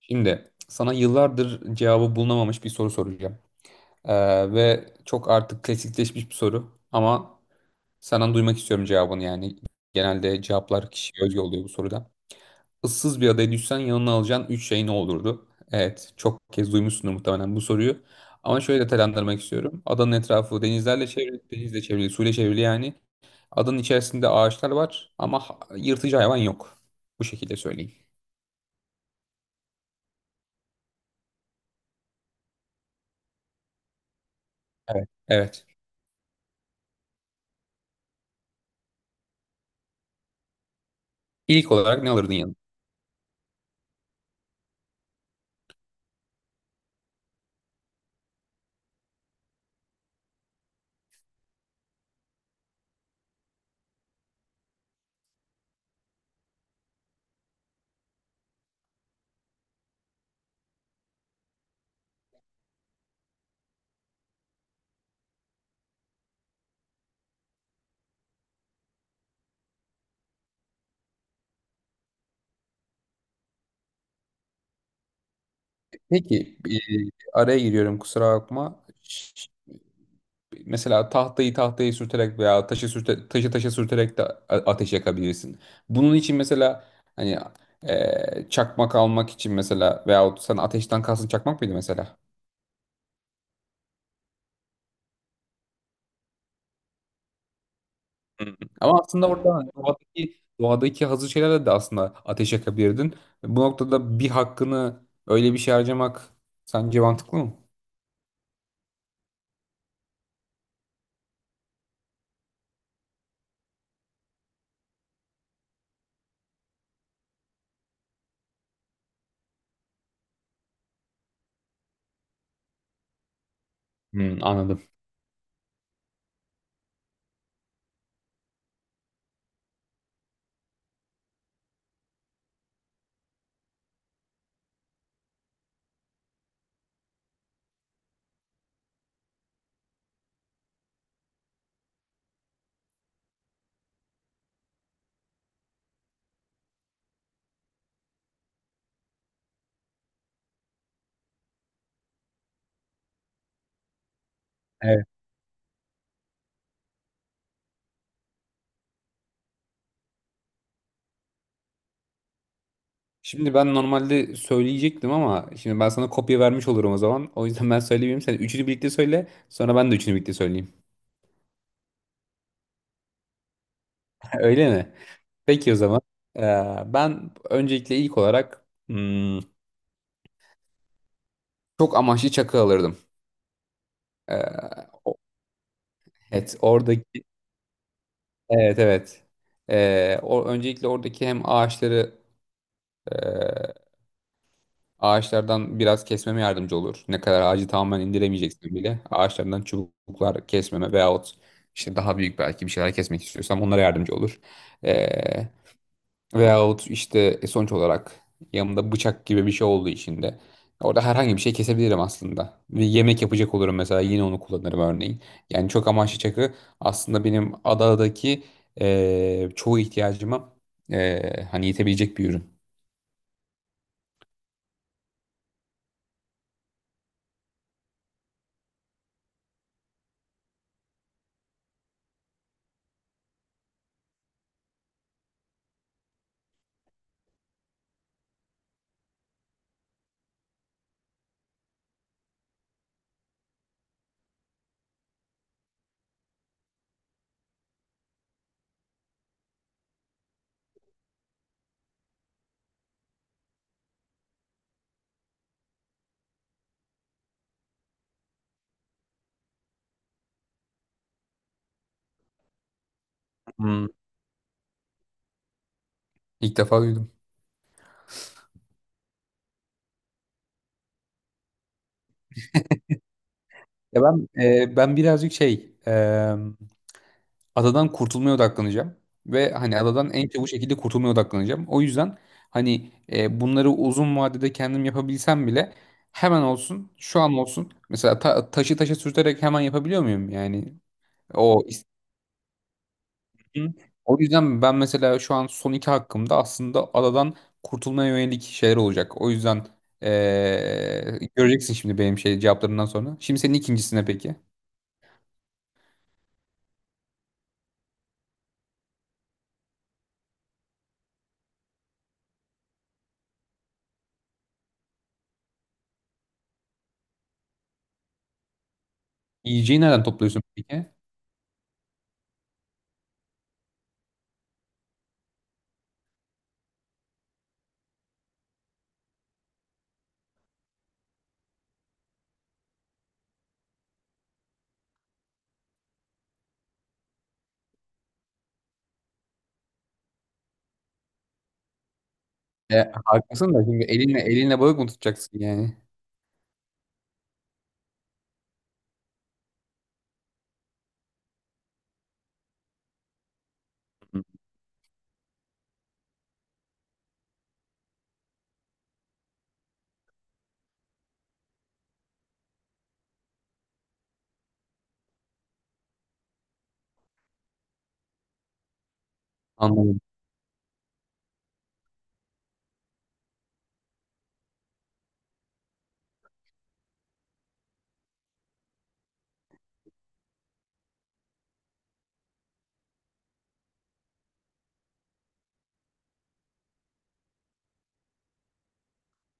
Şimdi sana yıllardır cevabı bulunamamış bir soru soracağım. Ve çok artık klasikleşmiş bir soru ama senden duymak istiyorum cevabını yani. Genelde cevaplar kişiye özgü oluyor bu soruda. Issız bir adaya düşsen yanına alacağın 3 şey ne olurdu? Evet, çok kez duymuşsundur muhtemelen bu soruyu. Ama şöyle detaylandırmak istiyorum. Adanın etrafı denizlerle çevrili, denizle çevrili, suyla çevrili yani. Adanın içerisinde ağaçlar var ama yırtıcı hayvan yok. Bu şekilde söyleyeyim. Evet. Evet. İlk olarak ne alırdın yanına? Peki, araya giriyorum, kusura bakma. Mesela tahtayı sürterek veya taşı taşa sürterek de ateş yakabilirsin. Bunun için mesela hani çakmak almak için mesela, veyahut sen ateşten kalsın, çakmak mıydı mesela? Hı hı. Ama aslında orada hani doğadaki hazır şeylerle de aslında ateş yakabilirdin. Bu noktada bir hakkını öyle bir şey harcamak sence mantıklı mı? Hı, anladım. Şimdi ben normalde söyleyecektim ama şimdi ben sana kopya vermiş olurum o zaman. O yüzden ben söyleyeyim. Sen üçünü birlikte söyle. Sonra ben de üçünü birlikte söyleyeyim. Öyle mi? Peki o zaman. Ee, Ben öncelikle ilk olarak çok amaçlı çakı alırdım. Ee, o- evet oradaki, evet evet. Öncelikle oradaki hem ağaçları ee, Ağaçlardan biraz kesmeme yardımcı olur. Ne kadar ağacı tamamen indiremeyeceksin bile ağaçlardan çubuklar kesmeme veyahut işte daha büyük belki bir şeyler kesmek istiyorsam onlara yardımcı olur. Ee, veyahut işte, sonuç olarak yanımda bıçak gibi bir şey olduğu için de orada herhangi bir şey kesebilirim aslında. Ve yemek yapacak olurum mesela, yine onu kullanırım örneğin. Yani çok amaçlı çakı aslında benim adadaki çoğu ihtiyacıma hani yetebilecek bir ürün. Hmm. İlk defa duydum. Ya ben birazcık şey, adadan kurtulmaya odaklanacağım ve hani adadan en çabuk şekilde kurtulmaya odaklanacağım. O yüzden hani, bunları uzun vadede kendim yapabilsem bile hemen olsun, şu an olsun. Mesela taşı taşa sürterek hemen yapabiliyor muyum? Yani o istediğim- o yüzden ben mesela şu an son iki hakkımda aslında adadan kurtulmaya yönelik şeyler olacak. O yüzden göreceksin şimdi benim şey cevaplarından sonra. Şimdi senin ikincisine peki. Yiyeceği nereden topluyorsun peki? Haklısın da şimdi elinle balık mı tutacaksın yani? Hı. Anladım.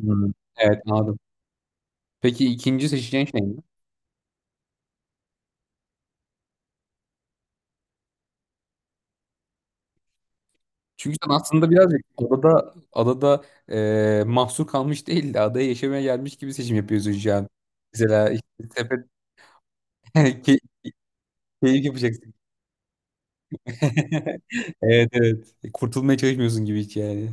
Hmm. Evet, anladım. Peki ikinci seçeceğin şey ne? Çünkü sen aslında birazcık adada mahsur kalmış değil de adaya yaşamaya gelmiş gibi seçim yapıyorsun şu an. Mesela işte sepet, key- keyif yapacaksın. Evet, evet. Kurtulmaya çalışmıyorsun gibi hiç yani.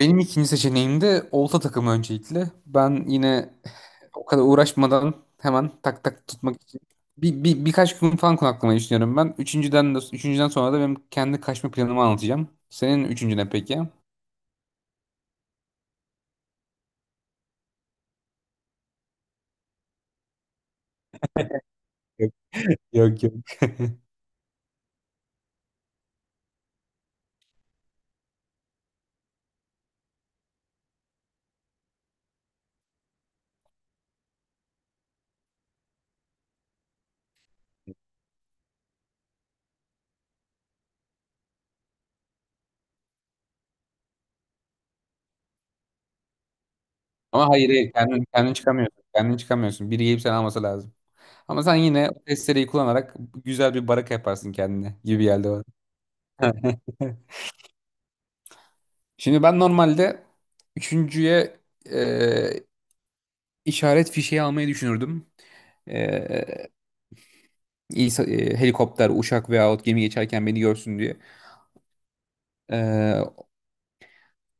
Benim ikinci seçeneğim de olta takımı öncelikle. Ben yine o kadar uğraşmadan hemen tak tak tutmak için birkaç gün falan konaklamayı düşünüyorum ben. Üçüncüden sonra da benim kendi kaçma planumu anlatacağım. Senin üçüncü ne peki? Yok, yok, yok. Ama hayır, hayır, kendin çıkamıyorsun. Kendin çıkamıyorsun. Biri gelip seni alması lazım. Ama sen yine o testereyi kullanarak güzel bir baraka yaparsın kendine gibi geldi bana. Şimdi ben normalde üçüncüye İşaret fişeği almayı düşünürdüm. Ee, Helikopter, uçak veyahut gemi geçerken beni görsün diye. Ee,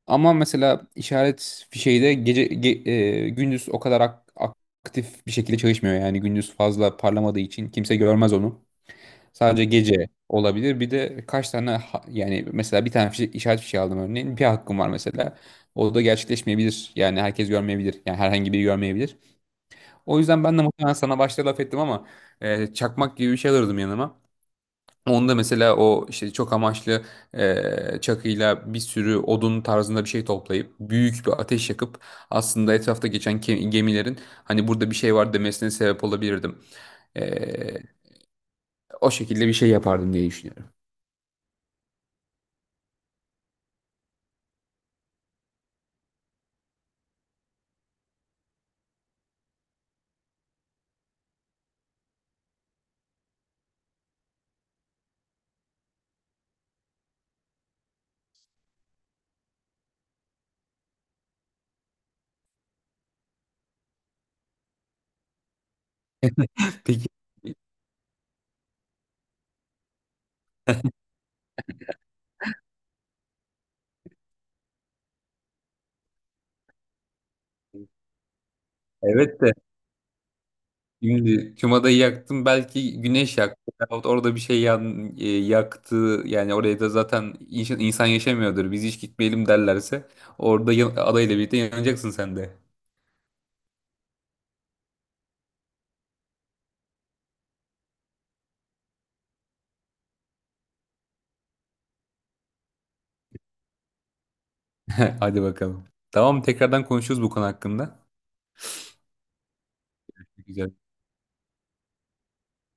Ama mesela işaret fişeği de gündüz o kadar aktif bir şekilde çalışmıyor. Yani gündüz fazla parlamadığı için kimse görmez onu. Sadece gece olabilir. Bir de kaç tane yani mesela bir tane işaret fişeği aldım örneğin. Bir hakkım var mesela. O da gerçekleşmeyebilir. Yani herkes görmeyebilir. Yani herhangi biri görmeyebilir. O yüzden ben de muhtemelen sana başta laf ettim ama çakmak gibi bir şey alırdım yanıma. Onda mesela o işte çok amaçlı çakıyla bir sürü odun tarzında bir şey toplayıp büyük bir ateş yakıp aslında etrafta geçen gemilerin hani burada bir şey var demesine sebep olabilirdim. E, o şekilde bir şey yapardım diye düşünüyorum. Peki. Evet de, şimdi Cuma'da yaktım, belki güneş yaktı. Yahut orada bir şey yaktı. Yani oraya da zaten insan yaşamıyordur. Biz hiç gitmeyelim derlerse orada adayla birlikte yanacaksın sen de. Hadi bakalım. Tamam, tekrardan konuşuruz bu konu hakkında. Güzel.